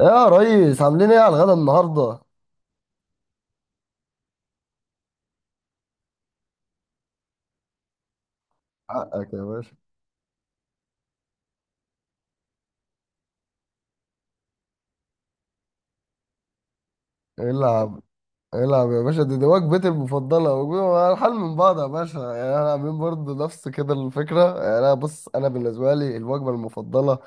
يا ريس، عاملين ايه على الغدا النهارده؟ حقك يا باشا. العب، العب يا باشا. دي وجبتي المفضله والحل من بعض يا باشا. يعني انا عاملين برضه نفس كده الفكره. يعني انا بص، انا بالنسبه لي الوجبه المفضله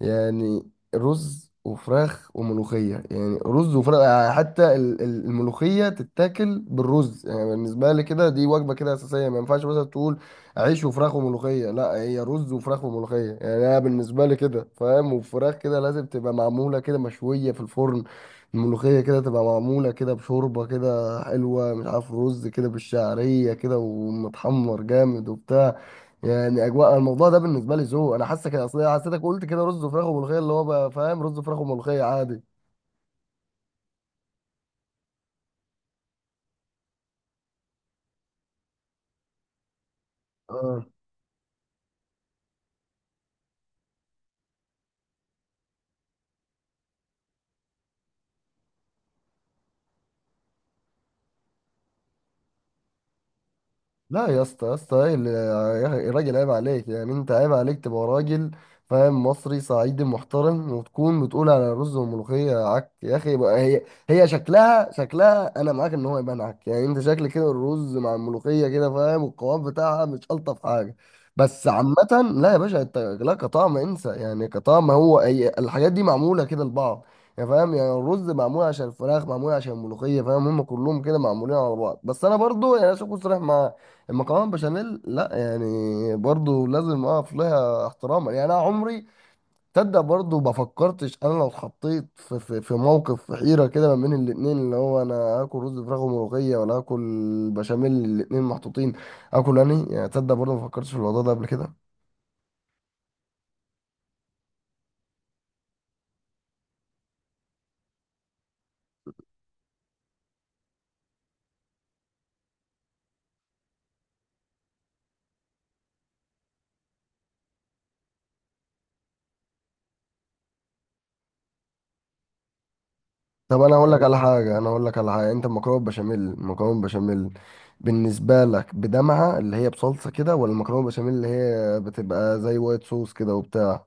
يعني رز وفراخ وملوخية. يعني رز وفراخ حتى الملوخية تتاكل بالرز. يعني بالنسبة لي كده دي وجبة كده أساسية، ما ينفعش مثلا تقول عيش وفراخ وملوخية، لا هي رز وفراخ وملوخية. يعني أنا بالنسبة لي كده فاهم، وفراخ كده لازم تبقى معمولة كده مشوية في الفرن، الملوخية كده تبقى معمولة كده بشوربة كده حلوة مش عارف، رز كده بالشعرية كده ومتحمر جامد وبتاع. يعني اجواء الموضوع ده بالنسبه لي ذوق. انا حاسك، اصل حسيتك قلت كده رز وفراخ وملوخيه اللي هو بقى فاهم رز وفراخ وملوخيه عادي. لا يا اسطى، يا اسطى ايه يا راجل عيب عليك، يعني انت عيب عليك تبقى راجل فاهم مصري صعيدي محترم وتكون بتقول على الرز والملوخيه عك؟ يا اخي بقى، هي شكلها، شكلها انا معاك ان هو يبان عك، يعني انت شكل كده الرز مع الملوخيه كده فاهم والقوام بتاعها مش الطف حاجه بس، عامه. لا يا باشا انت لا، كطعم انسى، يعني كطعم هو، هي الحاجات دي معموله كده لبعض يعني فاهم. يعني الرز معمول عشان الفراخ، معمول عشان الملوخيه فاهم، هم كلهم كده معمولين على بعض. بس انا برضو يعني عشان اكون صريح معاك، المكرونه بشاميل لا يعني، برضو لازم اقف لها احتراما. يعني انا عمري تصدق برضو ما فكرتش انا لو اتحطيت في موقف في حيره كده ما بين الاتنين، اللي هو انا هاكل رز فراخ وملوخيه ولا هاكل بشاميل؟ الاتنين محطوطين، اكل انهي؟ يعني تصدق برضو ما فكرتش في الموضوع ده قبل كده. طب انا هقول لك على حاجه، انا هقول لك على حاجه، انت المكرونه بشاميل، المكرونه بشاميل بالنسبه لك بدمعه اللي هي بصلصه كده، ولا المكرونه بشاميل اللي هي بتبقى زي وايت صوص كده وبتاع؟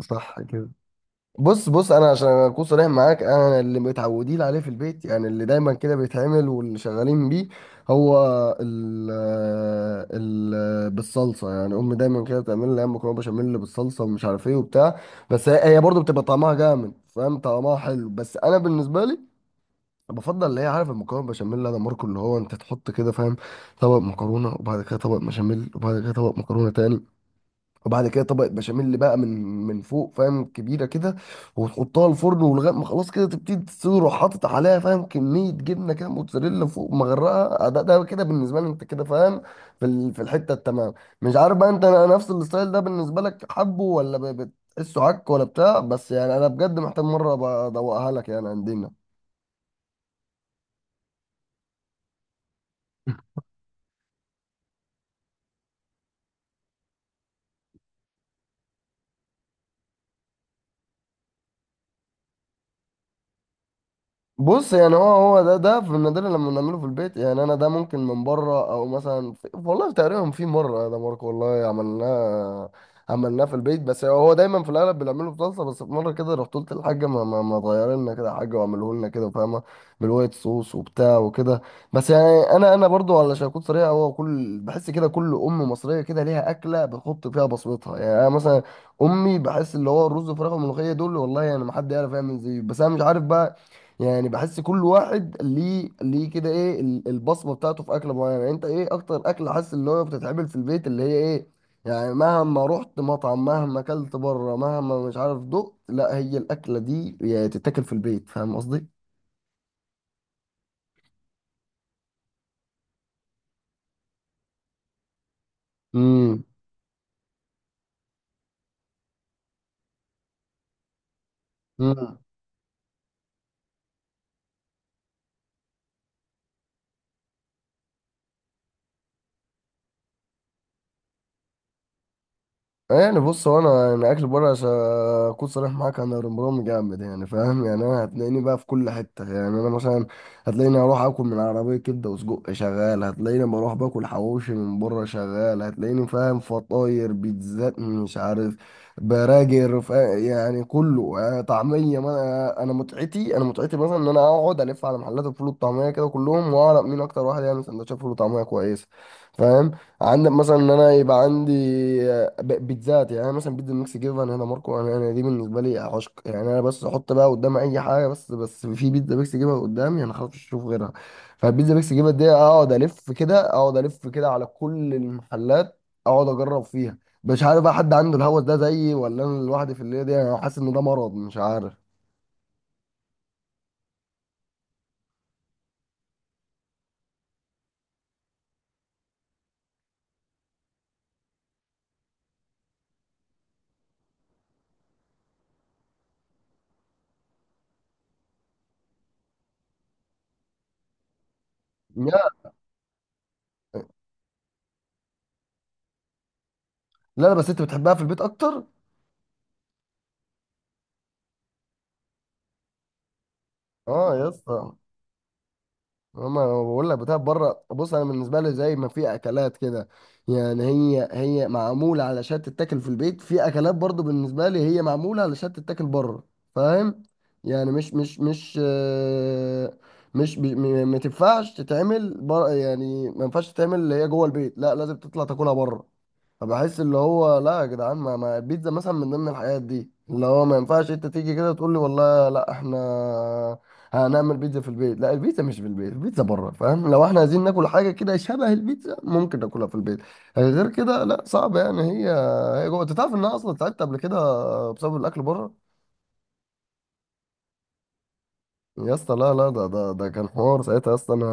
صح كده. بص بص، انا عشان اكون صريح معاك، انا اللي متعودين عليه في البيت، يعني اللي دايما كده بيتعمل واللي شغالين بيه هو ال آه، ال آه، بالصلصه. يعني امي دايما كده بتعمل لي أيام مكرونه بشاميل بالصلصه، ومش عارف ايه وبتاع. بس هي برضه بتبقى طعمها جامد فاهم، طعمها حلو. بس انا بالنسبه لي بفضل اللي هي عارف المكرونه بشاميل ده ماركو اللي هو انت تحط كده فاهم، طبق مكرونه، وبعد كده طبق بشاميل، وبعد كده طبق مكرونه تاني، وبعد كده طبقة بشاميل بقى من فوق فاهم، كبيرة كده، وتحطها الفرن ولغاية ما خلاص كده تبتدي تصير، وحاطط، حاطط عليها فاهم كمية جبنة كده موتزاريلا فوق مغرقة. ده ده كده بالنسبة لي انت كده فاهم في في الحتة التمام. مش عارف بقى انت نفس الستايل ده بالنسبة لك حبه، ولا بتحسه عك ولا بتاع؟ بس يعني انا بجد محتاج مرة ابقى ادوقها لك يعني عندنا. بص يعني، هو ده في النادر لما بنعمله في البيت، يعني انا ده ممكن من بره، او مثلا في والله تقريبا في مره ده ماركو، والله عملناه، عملناه في البيت. بس هو دايما في الاغلب بنعمله في طاسه. بس في مره كده رحت قلت للحاجه ما تغير لنا كده حاجه، واعمله لنا كده فاهمه، بالوايت صوص وبتاع وكده. بس يعني انا برضو علشان اكون صريح، هو كل، بحس كده كل ام مصريه كده ليها اكله بتحط فيها بصمتها. يعني انا مثلا امي بحس اللي هو الرز والفراخ والملوخيه دول، والله يعني ما حد يعرف يعمل زيه. بس انا مش عارف بقى، يعني بحس كل واحد ليه، ليه كده ايه البصمه بتاعته في اكله معينه. يعني انت ايه اكتر اكله حاسس اللي هو بتتعمل في البيت اللي هي ايه، يعني مهما رحت مطعم، مهما اكلت بره، مهما مش عارف دقت، لا هي الاكله دي يعني تتاكل في البيت فاهم قصدي؟ امم. يعني بص هو، انا اكل بره عشان اكون صريح معاك، انا رمضان جامد يعني فاهم. يعني انا هتلاقيني بقى في كل حته، يعني انا مثلا هتلاقيني اروح اكل من عربيه كبده وسجق شغال، هتلاقيني بروح باكل حواوشي من بره شغال، هتلاقيني فاهم فطاير بيتزات مش عارف براجر يعني كله، يعني طعميه. ما انا، أنا متعتي، انا متعتي مثلا ان انا اقعد الف على محلات الفول والطعميه كده كلهم، واعرف مين اكتر واحد يعمل سندوتشات فول وطعميه كويسه فاهم. عندك مثلا ان انا يبقى عندي بيتزات، يعني انا مثلا بيتزا ميكس جبن هنا ماركو، انا، انا دي بالنسبه لي عشق. يعني انا بس احط بقى قدام اي حاجه، بس بس في بيتزا ميكس جبن قدامي، انا خلاص مش هشوف غيرها. فالبيتزا ميكس جبن دي اقعد الف كده، اقعد الف كده على كل المحلات، اقعد اجرب فيها. مش عارف بقى حد عنده الهوس ده زيي، ولا انا لوحدي في الليله دي؟ انا حاسس ان ده مرض مش عارف. لا لا، بس انت بتحبها في البيت اكتر. اه يا اسطى. هما انا بقول لك بتاع بره، بص انا بالنسبه لي زي ما في اكلات كده يعني هي معموله علشان تتاكل في البيت، في اكلات برضو بالنسبه لي هي معموله علشان تتاكل بره فاهم. يعني مش مش مش آه، مش بي- م- ما تنفعش تتعمل بر، يعني ما ينفعش تتعمل اللي هي جوه البيت، لا لازم تطلع تاكلها بره. فبحس اللي هو لا يا جدعان، ما البيتزا مثلا من ضمن الحاجات دي اللي هو ما ينفعش انت تيجي كده تقول لي والله لا احنا هنعمل بيتزا في البيت، لا البيتزا مش في البيت، البيتزا بره فاهم. لو احنا عايزين ناكل حاجه كده شبه البيتزا ممكن ناكلها في البيت، غير كده لا صعب. يعني هي، هي جوه. انت تعرف ان انا اصلا تعبت قبل كده بسبب الاكل بره؟ يا اسطى لا لا، ده كان حوار ساعتها يا اسطى. انا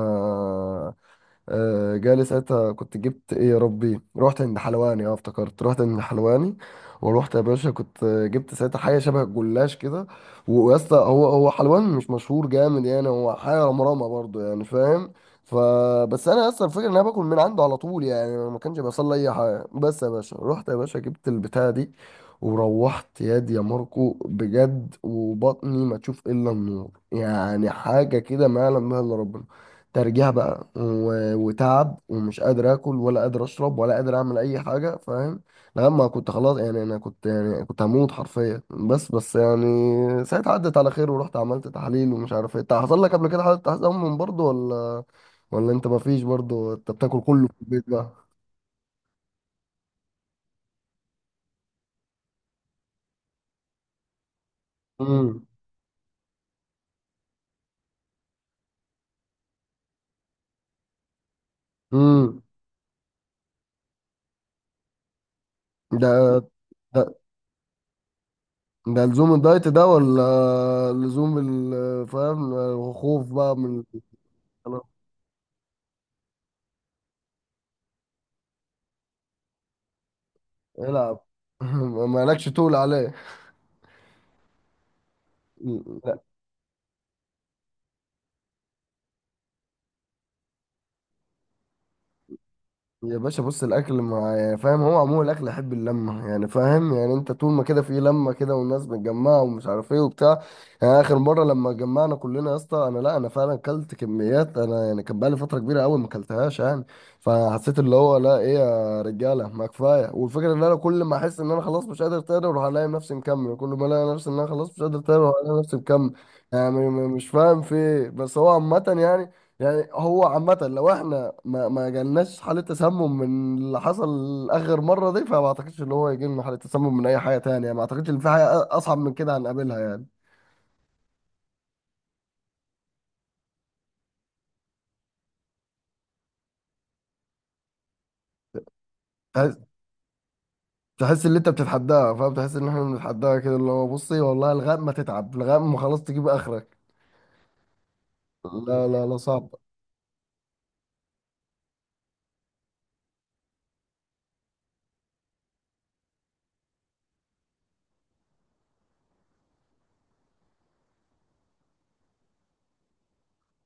جالي ساعتها، كنت جبت ايه يا ربي، رحت عند حلواني، اه افتكرت، رحت عند حلواني، ورحت يا باشا كنت جبت ساعتها حاجه شبه الجلاش كده. ويا اسطى هو حلوان مش مشهور جامد، يعني هو حاجه رمرامه برضو يعني فاهم. فبس انا اصلا الفكره ان انا باكل من عنده على طول، يعني أنا ما كانش بيحصل لي اي حاجه. بس يا باشا رحت يا باشا جبت البتاعه دي، وروحت ياد يا ماركو بجد، وبطني ما تشوف الا النور، يعني حاجه كده ما يعلم بها الا ربنا. ترجيع بقى وتعب، ومش قادر اكل ولا قادر اشرب ولا قادر اعمل اي حاجه فاهم. لما كنت خلاص يعني، انا كنت يعني كنت هموت حرفيا. بس بس يعني ساعتها عدت على خير، ورحت عملت تحاليل ومش عارف ايه. انت حصل لك قبل كده حاله تحت من برضه، ولا ولا انت ما فيش برضه، انت بتاكل كله في البيت بقى؟ امم. امم. ده ده لزوم الدايت ده، ولا لزوم فاهم الخوف بقى من الكلام؟ العب. مالكش تقول عليه. يا باشا بص، الاكل مع يعني فاهم، هو عموما الاكل يحب اللمه يعني فاهم. يعني انت طول ما كده في لمه كده والناس متجمعه ومش عارف ايه وبتاع. يعني اخر مره لما اتجمعنا كلنا يا اسطى انا، لا انا فعلا اكلت كميات. انا يعني كان بقالي فتره كبيره قوي ما اكلتهاش يعني. فحسيت اللي هو لا ايه يا رجاله، ما كفايه. والفكره ان انا كل ما احس ان انا خلاص مش قادر تاني، اروح الاقي نفسي مكمل. كل ما الاقي نفسي ان انا خلاص مش قادر تاني، اروح الاقي نفسي مكمل. يعني مش فاهم في إيه. بس هو عامه يعني، يعني هو عامة لو احنا ما جالناش حالة تسمم من اللي حصل آخر مرة دي، فما اعتقدش ان هو يجي لنا حالة تسمم من أي حاجة تانية يعني. ما اعتقدش ان في حاجة أصعب من كده هنقابلها يعني. تحس، تحس ان انت بتتحداها فاهم، تحس ان احنا بنتحداها كده اللي هو بصي والله لغاية ما تتعب، لغاية ما خلاص تجيب آخرك. لا صعب.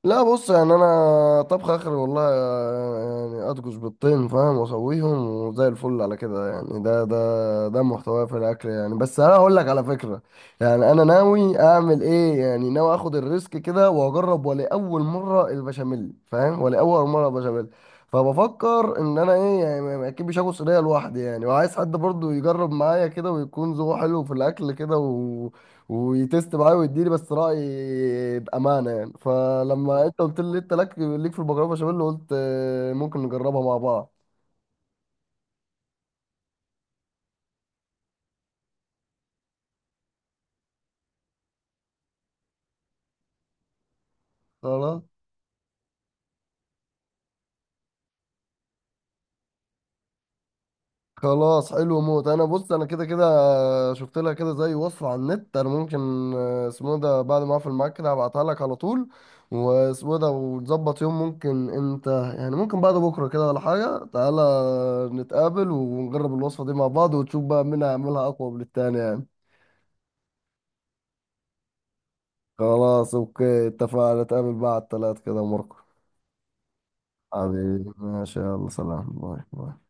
لا بص، يعني انا طبخ اخر والله، يعني اطبخ بالطين فاهم واسويهم، وزي الفل على كده. يعني ده محتواه في الاكل يعني. بس انا هقول لك على فكره يعني انا ناوي اعمل ايه، يعني ناوي اخد الريسك كده واجرب ولاول مره البشاميل فاهم، ولاول مره البشاميل. فبفكر ان انا ايه، يعني اكيد مش هاكل صينيه لوحدي يعني، وعايز حد برضو يجرب معايا كده، ويكون ذوقه حلو في الاكل كده، ويتست معايا ويديني بس رأي بأمانة يعني. فلما انت قلت لي انت لك ليك في المكرونة بشاميل، قلت ممكن نجربها مع بعض. خلاص. خلاص حلو موت. انا بص، انا كده كده شفت لها كده زي وصفة على النت. انا ممكن اسمه ده بعد ما اقفل معاك كده هبعتها لك على طول، واسمه ده وتظبط يوم، ممكن انت يعني ممكن بعد بكرة كده ولا حاجة تعالى نتقابل ونجرب الوصفة دي مع بعض، وتشوف بقى مين هيعملها اقوى من التاني يعني. خلاص اوكي، اتفقنا نتقابل بعد 3 كده مرة. حبيبي ما شاء الله، سلام، باي باي.